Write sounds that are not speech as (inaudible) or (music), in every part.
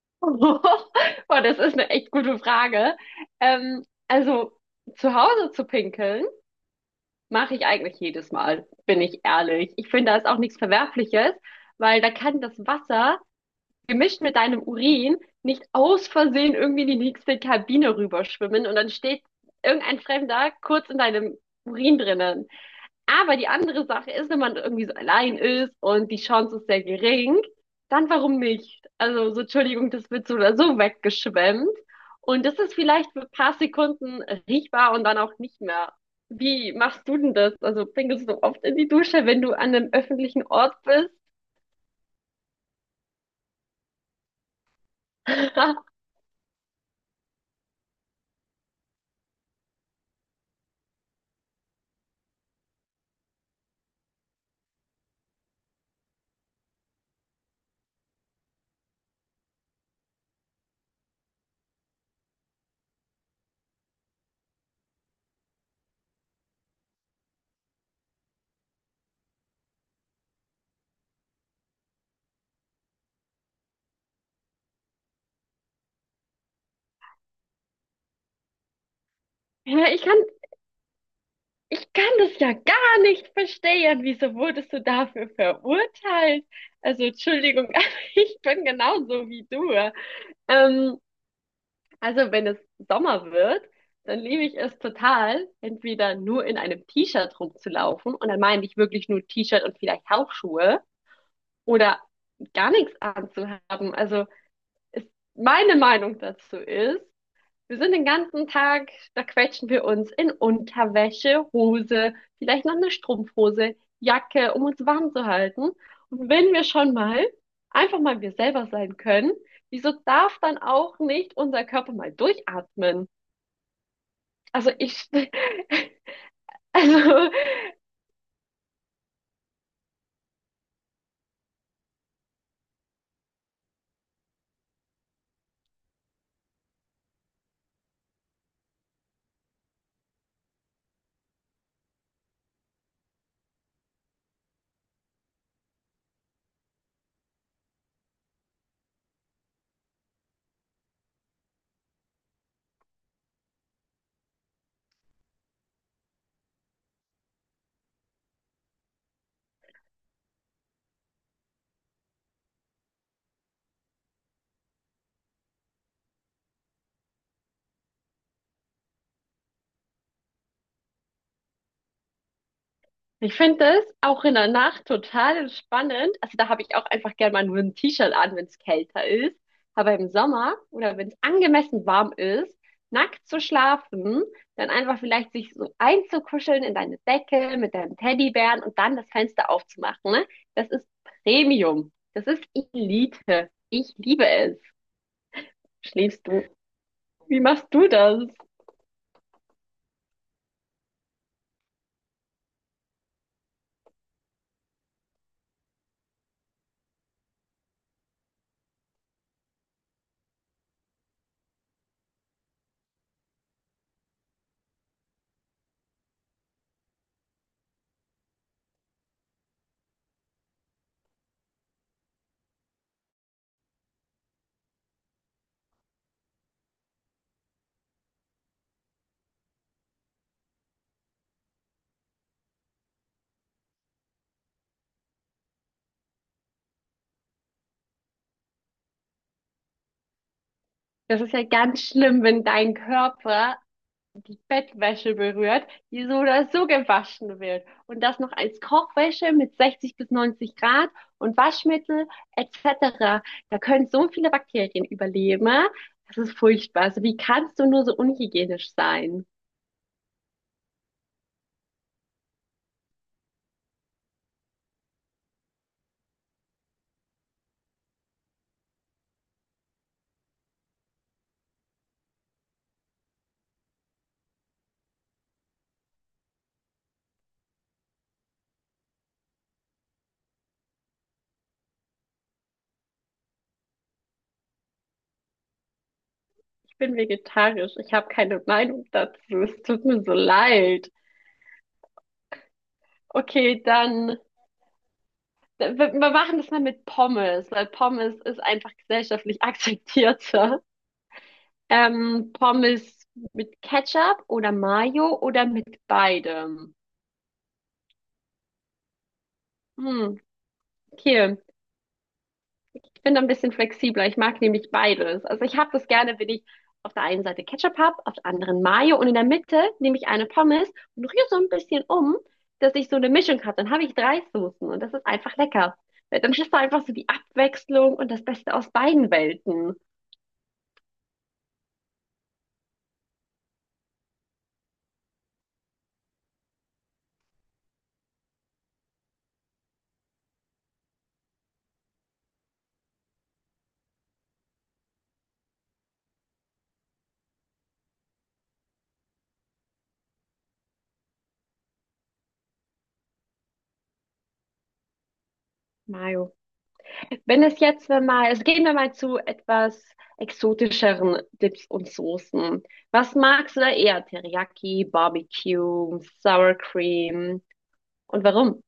(laughs) Boah, das ist eine echt gute Frage. Also zu Hause zu pinkeln, mache ich eigentlich jedes Mal, bin ich ehrlich. Ich finde, da ist auch nichts Verwerfliches, weil da kann das Wasser gemischt mit deinem Urin nicht aus Versehen irgendwie in die nächste Kabine rüberschwimmen und dann steht irgendein Fremder kurz in deinem Urin drinnen. Aber die andere Sache ist, wenn man irgendwie so allein ist und die Chance ist sehr gering, dann warum nicht? Also, so, Entschuldigung, das wird so oder so weggeschwemmt. Und das ist vielleicht für ein paar Sekunden riechbar und dann auch nicht mehr. Wie machst du denn das? Also, pinkelst du oft in die Dusche, wenn du an einem öffentlichen Ort bist? (laughs) Ja, ich kann das ja gar nicht verstehen. Wieso wurdest du dafür verurteilt? Also, Entschuldigung, (laughs) aber ich bin genauso wie du. Ähm, Also, wenn es Sommer wird, dann liebe ich es total, entweder nur in einem T-Shirt rumzulaufen, und dann meine ich wirklich nur T-Shirt und vielleicht Hausschuhe, oder gar nichts anzuhaben. Also, ist, meine Meinung dazu ist, wir sind den ganzen Tag, da quetschen wir uns in Unterwäsche, Hose, vielleicht noch eine Strumpfhose, Jacke, um uns warm zu halten. Und wenn wir schon mal einfach mal wir selber sein können, wieso darf dann auch nicht unser Körper mal durchatmen? Also ich, (laughs) also ich finde das auch in der Nacht total spannend. Also da habe ich auch einfach gerne mal nur ein T-Shirt an, wenn es kälter ist. Aber im Sommer oder wenn es angemessen warm ist, nackt zu schlafen, dann einfach vielleicht sich so einzukuscheln in deine Decke mit deinem Teddybären und dann das Fenster aufzumachen, ne? Das ist Premium. Das ist Elite. Ich liebe es. Schläfst du? Wie machst du das? Das ist ja ganz schlimm, wenn dein Körper die Bettwäsche berührt, die so oder so gewaschen wird. Und das noch als Kochwäsche mit 60 bis 90 Grad und Waschmittel etc. Da können so viele Bakterien überleben. Das ist furchtbar. Also wie kannst du nur so unhygienisch sein? Ich bin vegetarisch. Ich habe keine Meinung dazu. Es tut mir so leid. Okay, dann. Wir machen das mal mit Pommes, weil Pommes ist einfach gesellschaftlich (laughs) akzeptierter. Pommes mit Ketchup oder Mayo oder mit beidem? Hm, okay. Ich bin da ein bisschen flexibler. Ich mag nämlich beides. Also ich habe das gerne, wenn ich auf der einen Seite Ketchup habe, auf der anderen Mayo und in der Mitte nehme ich eine Pommes und rühre so ein bisschen um, dass ich so eine Mischung habe. Dann habe ich drei Soßen und das ist einfach lecker. Weil dann hast du einfach so die Abwechslung und das Beste aus beiden Welten. Mayo. Wenn es jetzt wir mal, also gehen wir mal zu etwas exotischeren Dips und Soßen. Was magst du da eher? Teriyaki, Barbecue, Sour Cream und warum?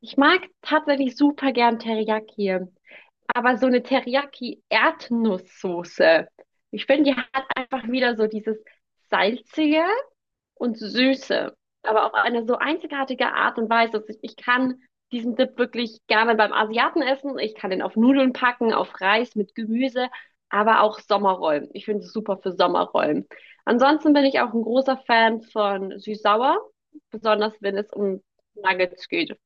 Ich mag tatsächlich super gern Teriyaki, aber so eine Teriyaki-Erdnusssoße, ich finde, die hat einfach wieder so dieses Salzige und Süße, aber auf eine so einzigartige Art und Weise. Also ich kann diesen Dip wirklich gerne beim Asiaten essen. Ich kann den auf Nudeln packen, auf Reis mit Gemüse, aber auch Sommerrollen. Ich finde es super für Sommerrollen. Ansonsten bin ich auch ein großer Fan von süß-sauer, besonders wenn es um Nuggets geht.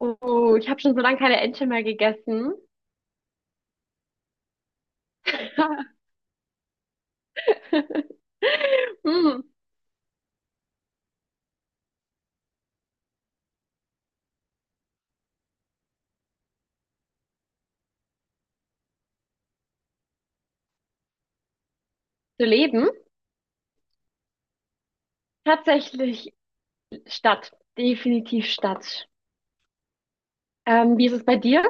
Oh, ich habe schon so lange keine Ente mehr gegessen. (laughs) Hm, zu leben? Tatsächlich Stadt. Definitiv Stadt. Wie ist es bei dir?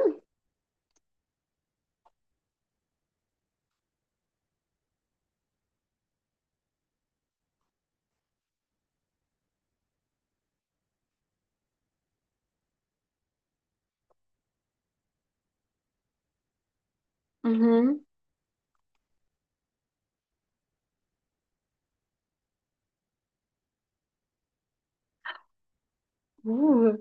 Mhm. Uh.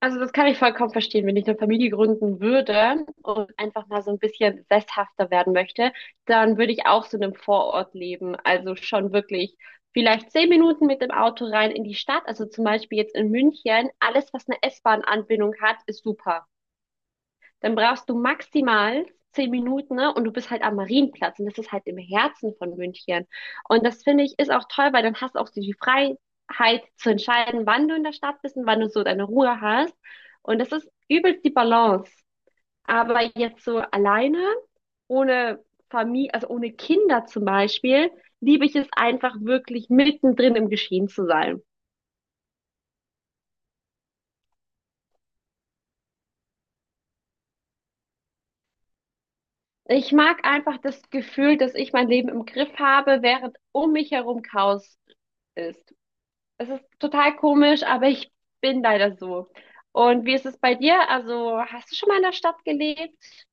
Also das kann ich vollkommen verstehen, wenn ich eine Familie gründen würde und einfach mal so ein bisschen sesshafter werden möchte, dann würde ich auch so in einem Vorort leben. Also schon wirklich vielleicht 10 Minuten mit dem Auto rein in die Stadt. Also zum Beispiel jetzt in München, alles, was eine S-Bahn-Anbindung hat, ist super. Dann brauchst du maximal 10 Minuten, ne? Und du bist halt am Marienplatz. Und das ist halt im Herzen von München. Und das finde ich ist auch toll, weil dann hast du auch so die Freiheit zu entscheiden, wann du in der Stadt bist und wann du so deine Ruhe hast. Und das ist übelst die Balance. Aber jetzt so alleine, ohne Familie, also ohne Kinder zum Beispiel, liebe ich es einfach wirklich mittendrin im Geschehen zu sein. Ich mag einfach das Gefühl, dass ich mein Leben im Griff habe, während um mich herum Chaos ist. Es ist total komisch, aber ich bin leider so. Und wie ist es bei dir? Also, hast du schon mal in der Stadt gelebt?